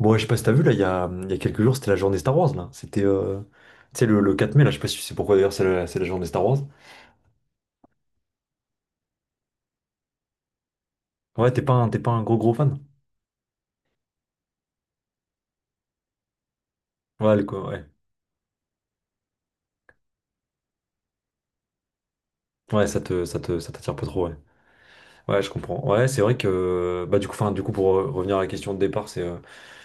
Bon, ouais, je sais pas si t'as vu, là, il y a quelques jours, c'était la journée Star Wars, là. C'était, tu sais, le 4 mai, là, je sais pas si c'est pourquoi, d'ailleurs, c'est la journée Star Wars. Ouais, t'es pas un gros, gros fan? Ouais, le- ouais. Ouais, ça t'attire pas trop, ouais. Ouais, je comprends. Ouais, c'est vrai que, bah, du coup, enfin, pour revenir à la question de départ, c'est,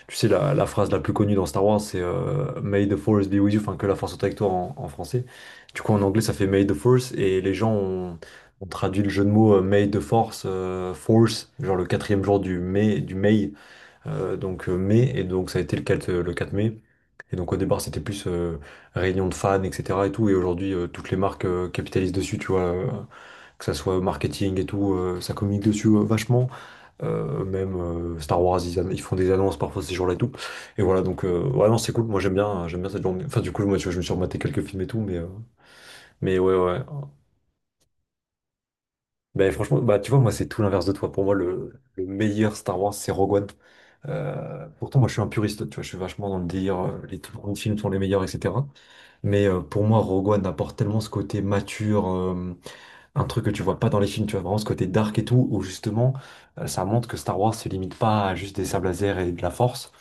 tu sais, la phrase la plus connue dans Star Wars, c'est May the Force be with you, enfin, que la force soit avec toi en français. Du coup, en anglais, ça fait May the Force, et les gens ont traduit le jeu de mots May the Force, genre le quatrième jour du mai, du May. Donc mai, et donc ça a été le 4, le 4 mai. Et donc au départ c'était plus réunion de fans, etc. et tout, et aujourd'hui toutes les marques capitalisent dessus, tu vois, que ça soit marketing et tout, ça communique dessus vachement. Même Star Wars, ils font des annonces parfois ces jours-là et tout. Et voilà, donc ouais non c'est cool, moi j'aime bien cette journée. Enfin du coup moi tu vois, je me suis rematé quelques films et tout, mais ouais ouais. Ben franchement, bah tu vois, moi c'est tout l'inverse de toi. Pour moi, le meilleur Star Wars, c'est Rogue One. Pourtant, moi je suis un puriste, tu vois, je suis vachement dans le délire, les tout grands films sont les meilleurs, etc. Mais pour moi, Rogue One apporte tellement ce côté mature, un truc que tu vois pas dans les films, tu vois, vraiment ce côté dark et tout, où justement, ça montre que Star Wars se limite pas à juste des sables laser et de la force,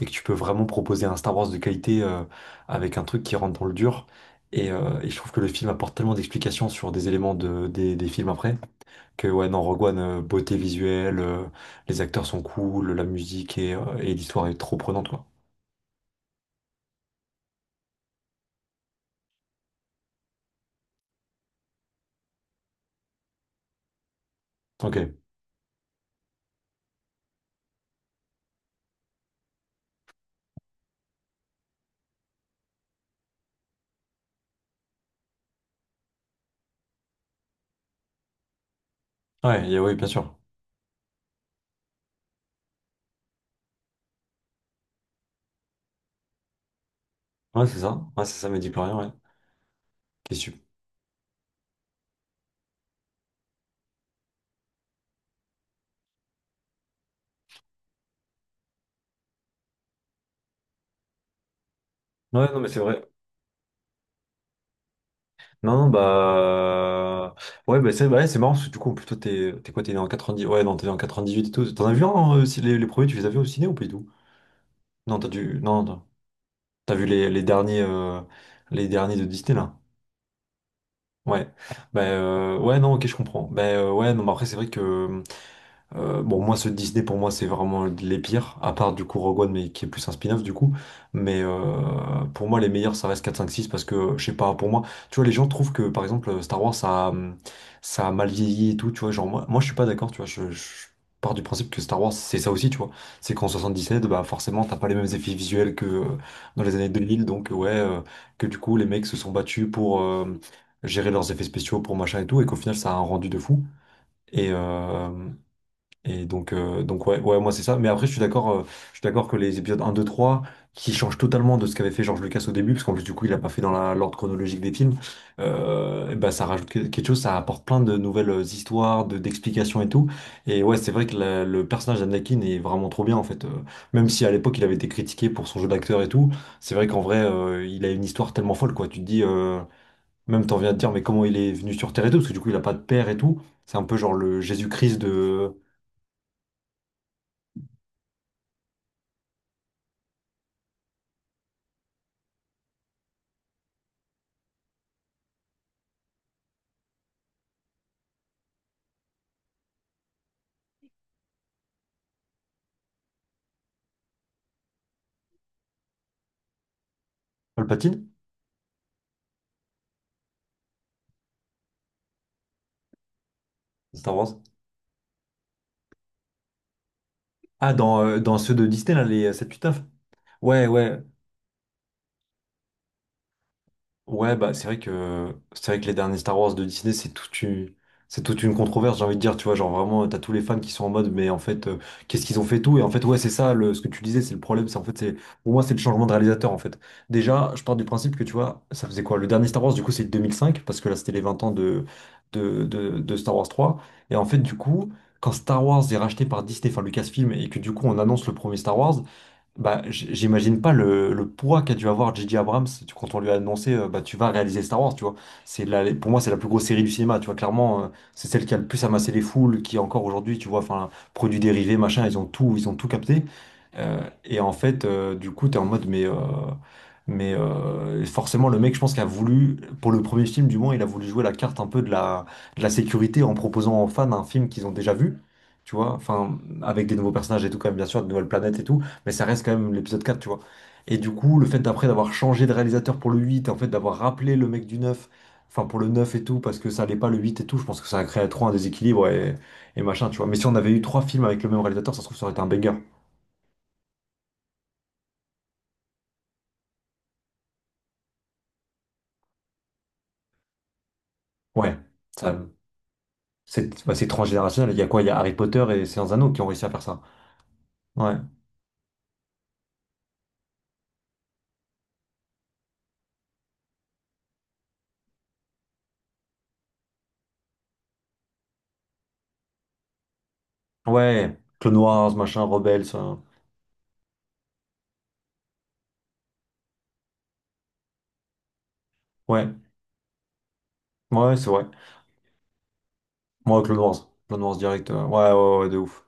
et que tu peux vraiment proposer un Star Wars de qualité, avec un truc qui rentre dans le dur. Et je trouve que le film apporte tellement d'explications sur des éléments de, des films après. Que ouais, dans Rogue One, beauté visuelle, les acteurs sont cool, la musique et l'histoire est trop prenante, quoi. Ok. Oui, bien sûr. Ouais, c'est ça. Ouais, c'est ça, mais dis plus rien, ouais. T'es sup. Ouais, non, mais c'est vrai. Non, non, bah. Ouais, bah, c'est ouais, c'est marrant, parce que du coup, plutôt, t'es quoi, t'es né en dix ouais, non, t'es né en huit et tout. T'en as vu un, si les premiers, tu les as vus au ciné ou pas du tout? Non, t'as dû... Non, non. T'as vu les derniers... Les derniers de Disney, là? Ouais. Bah, ouais, non, ok, je comprends. Bah, ouais, non, mais après, c'est vrai que... Bon, moi, ceux de Disney, pour moi, c'est vraiment les pires, à part du coup Rogue One, mais qui est plus un spin-off du coup. Mais pour moi, les meilleurs, ça reste 4, 5, 6, parce que, je sais pas, pour moi, tu vois, les gens trouvent que, par exemple, Star Wars, ça a mal vieilli et tout, tu vois, genre, moi je suis pas d'accord, tu vois, je pars du principe que Star Wars, c'est ça aussi, tu vois. C'est qu'en 77, bah, forcément, t'as pas les mêmes effets visuels que dans les années 2000, donc, ouais, que du coup, les mecs se sont battus pour gérer leurs effets spéciaux, pour machin et tout, et qu'au final, ça a un rendu de fou. Et, euh, et donc, donc ouais, ouais, moi c'est ça. Mais après, je suis d'accord que les épisodes un 2 3 qui changent totalement de ce qu'avait fait George Lucas au début, parce qu'en plus, du coup, il a pas fait dans l'ordre chronologique des films, bah, ça rajoute quelque chose, ça apporte plein de nouvelles histoires, d'explications et tout. Et ouais, c'est vrai que le personnage d'Anakin est vraiment trop bien, en fait. Même si à l'époque, il avait été critiqué pour son jeu d'acteur et tout, c'est vrai qu'en vrai, il a une histoire tellement folle, quoi. Tu te dis, même t'en viens de dire, mais comment il est venu sur Terre et tout, parce que du coup, il a pas de père et tout. C'est un peu genre le Jésus-Christ de Palpatine. Star Wars? Ah, dans ceux de Disney, là, les 7-8-9? Ouais, ouais. Ouais, bah c'est vrai que les derniers Star Wars de Disney, c'est toute une controverse, j'ai envie de dire, tu vois, genre vraiment, t'as tous les fans qui sont en mode, mais en fait, qu'est-ce qu'ils ont fait tout? Et en fait, ouais, c'est ça, ce que tu disais, c'est le problème, c'est en fait, c'est, pour moi, c'est le changement de réalisateur, en fait. Déjà, je pars du principe que, tu vois, ça faisait quoi? Le dernier Star Wars, du coup, c'est 2005, parce que là, c'était les 20 ans de, de Star Wars 3. Et en fait, du coup, quand Star Wars est racheté par Disney, enfin Lucasfilm, et que du coup, on annonce le premier Star Wars. Bah, j'imagine pas le, le poids qu'a dû avoir J.J. Abrams quand on lui a annoncé, bah, tu vas réaliser Star Wars, tu vois. Pour moi, c'est la plus grosse série du cinéma, tu vois. Clairement, c'est celle qui a le plus amassé les foules, qui encore aujourd'hui, tu vois, enfin, produits dérivés, machin, ils ont tout capté. Euh, et en fait, du coup, t'es en mode, mais forcément, le mec, je pense, qu'il a voulu, pour le premier film, du moins, il a voulu jouer la carte un peu de la sécurité en proposant aux fans un film qu'ils ont déjà vu, tu vois, enfin, avec des nouveaux personnages et tout, quand même, bien sûr, de nouvelles planètes et tout mais ça reste quand même l'épisode 4 tu vois. Et du coup, le fait d'après d'avoir changé de réalisateur pour le 8 en fait d'avoir rappelé le mec du 9 enfin pour le 9 et tout, parce que ça allait pas le 8 et tout, je pense que ça a créé trop un déséquilibre et machin, tu vois. Mais si on avait eu trois films avec le même réalisateur, ça se trouve, ça aurait été un banger. Ouais, ça, c'est bah, c'est transgénérationnel. Il y a quoi? Il y a Harry Potter et Seigneur des Anneaux qui ont réussi à faire ça. Ouais, ouais, Clone Wars, machin, Rebels, hein. Ouais, ouais, c'est vrai. Moi, Clone Wars, Clone Wars direct, ouais, ouais, ouais, ouais, de ouf.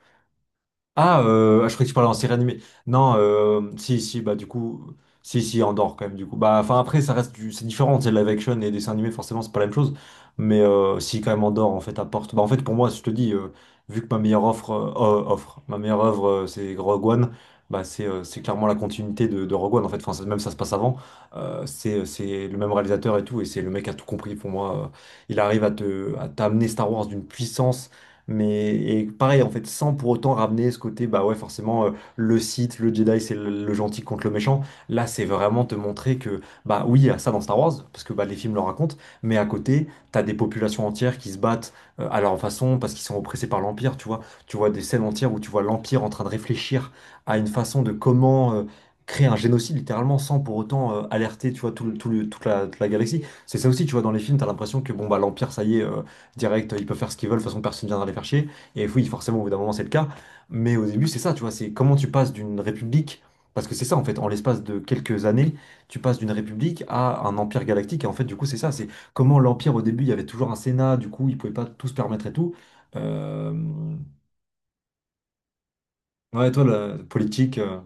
Ah, je croyais que tu parlais en série animée. Non, si, si, bah du coup, si, si, Andorre quand même, du coup. Bah, enfin, après, ça reste du... c'est différent, c'est live action et dessin animé, forcément, c'est pas la même chose. Mais si, quand même, Andorre, en fait, apporte. Bah, en fait, pour moi, je te dis, vu que ma meilleure offre, ma meilleure œuvre, c'est Rogue One, bah, c'est clairement la continuité de Rogue One, en fait. Enfin, même ça se passe avant. C'est le même réalisateur et tout, et c'est le mec qui a tout compris pour moi. Il arrive à t'amener Star Wars d'une puissance. Mais et pareil, en fait, sans pour autant ramener ce côté, bah ouais, forcément, le Sith, le Jedi, c'est le gentil contre le méchant. Là, c'est vraiment te montrer que, bah oui, il y a ça dans Star Wars, parce que bah, les films le racontent, mais à côté, t'as des populations entières qui se battent à leur façon parce qu'ils sont oppressés par l'Empire, tu vois. Tu vois des scènes entières où tu vois l'Empire en train de réfléchir à une façon de comment créer un génocide littéralement sans pour autant alerter tu vois toute la galaxie c'est ça aussi tu vois dans les films t'as l'impression que bon bah l'empire ça y est direct, ils peuvent faire ce qu'ils veulent, de toute façon personne ne viendra les faire chier. Et oui, forcément, au bout d'un moment, c'est le cas. Mais au début, c'est ça, tu vois, c'est comment tu passes d'une république, parce que c'est ça en fait, en l'espace de quelques années, tu passes d'une république à un empire galactique. Et en fait, du coup, c'est ça, c'est comment l'empire au début, il y avait toujours un Sénat, du coup, ils pouvaient pas tout se permettre et tout. Euh, Ouais, toi, la politique,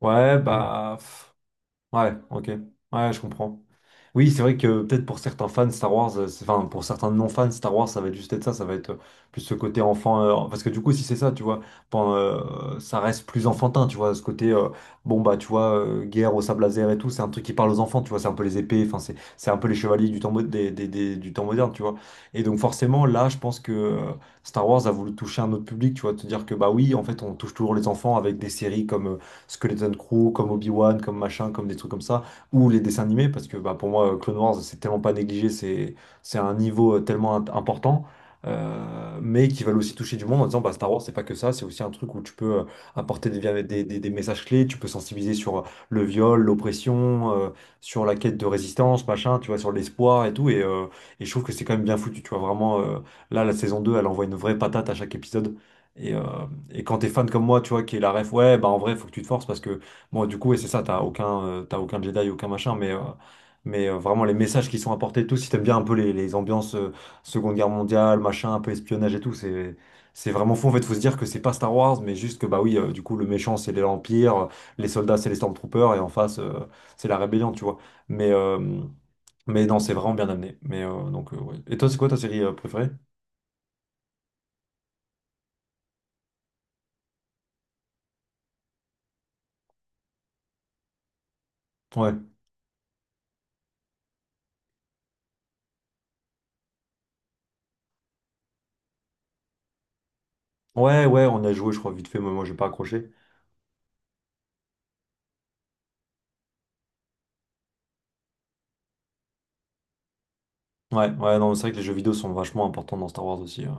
ouais, bah, pff, ouais, ok, ouais, je comprends. Oui, c'est vrai que peut-être pour certains fans Star Wars, enfin pour certains non-fans Star Wars, ça va être juste être ça, ça va être plus ce côté enfant, parce que du coup, si c'est ça, tu vois, ça reste plus enfantin, tu vois, ce côté, bon bah tu vois, guerre au sable laser et tout, c'est un truc qui parle aux enfants, tu vois, c'est un peu les épées, enfin c'est un peu les chevaliers du temps, du temps moderne, tu vois. Et donc forcément, là, je pense que Star Wars a voulu toucher un autre public, tu vois, te dire que bah oui, en fait, on touche toujours les enfants avec des séries comme Skeleton Crew, comme Obi-Wan, comme machin, comme des trucs comme ça ou les dessins animés, parce que bah, pour moi, Clone Wars, c'est tellement pas négligé, c'est un niveau tellement important, mais qui valent aussi toucher du monde en disant bah, Star Wars, c'est pas que ça, c'est aussi un truc où tu peux apporter des, via- des messages clés, tu peux sensibiliser sur le viol, l'oppression, sur la quête de résistance, machin, tu vois, sur l'espoir et tout, et je trouve que c'est quand même bien foutu, tu vois, vraiment. Là, la saison 2 elle envoie une vraie patate à chaque épisode. Et, euh, et quand t'es fan comme moi, tu vois, qui est la ref, ouais, bah en vrai, faut que tu te forces parce que bon, du coup, et c'est ça, t'as aucun Jedi, aucun machin, mais vraiment les messages qui sont apportés et tout, si t'aimes bien un peu les ambiances Seconde Guerre mondiale, machin, un peu espionnage et tout, c'est vraiment fou. En fait, faut se dire que c'est pas Star Wars, mais juste que, bah oui, du coup, le méchant, c'est l'Empire, les soldats, c'est les Stormtroopers, et en face, c'est la rébellion, tu vois. Mais, euh, mais non, c'est vraiment bien amené. Donc ouais. Et toi, c'est quoi ta série préférée? Ouais. Ouais, ouais, on a joué, je crois, vite fait, mais moi, j'ai pas accroché. Ouais, ouais, non, c'est vrai que les jeux vidéo sont vachement importants dans Star Wars aussi.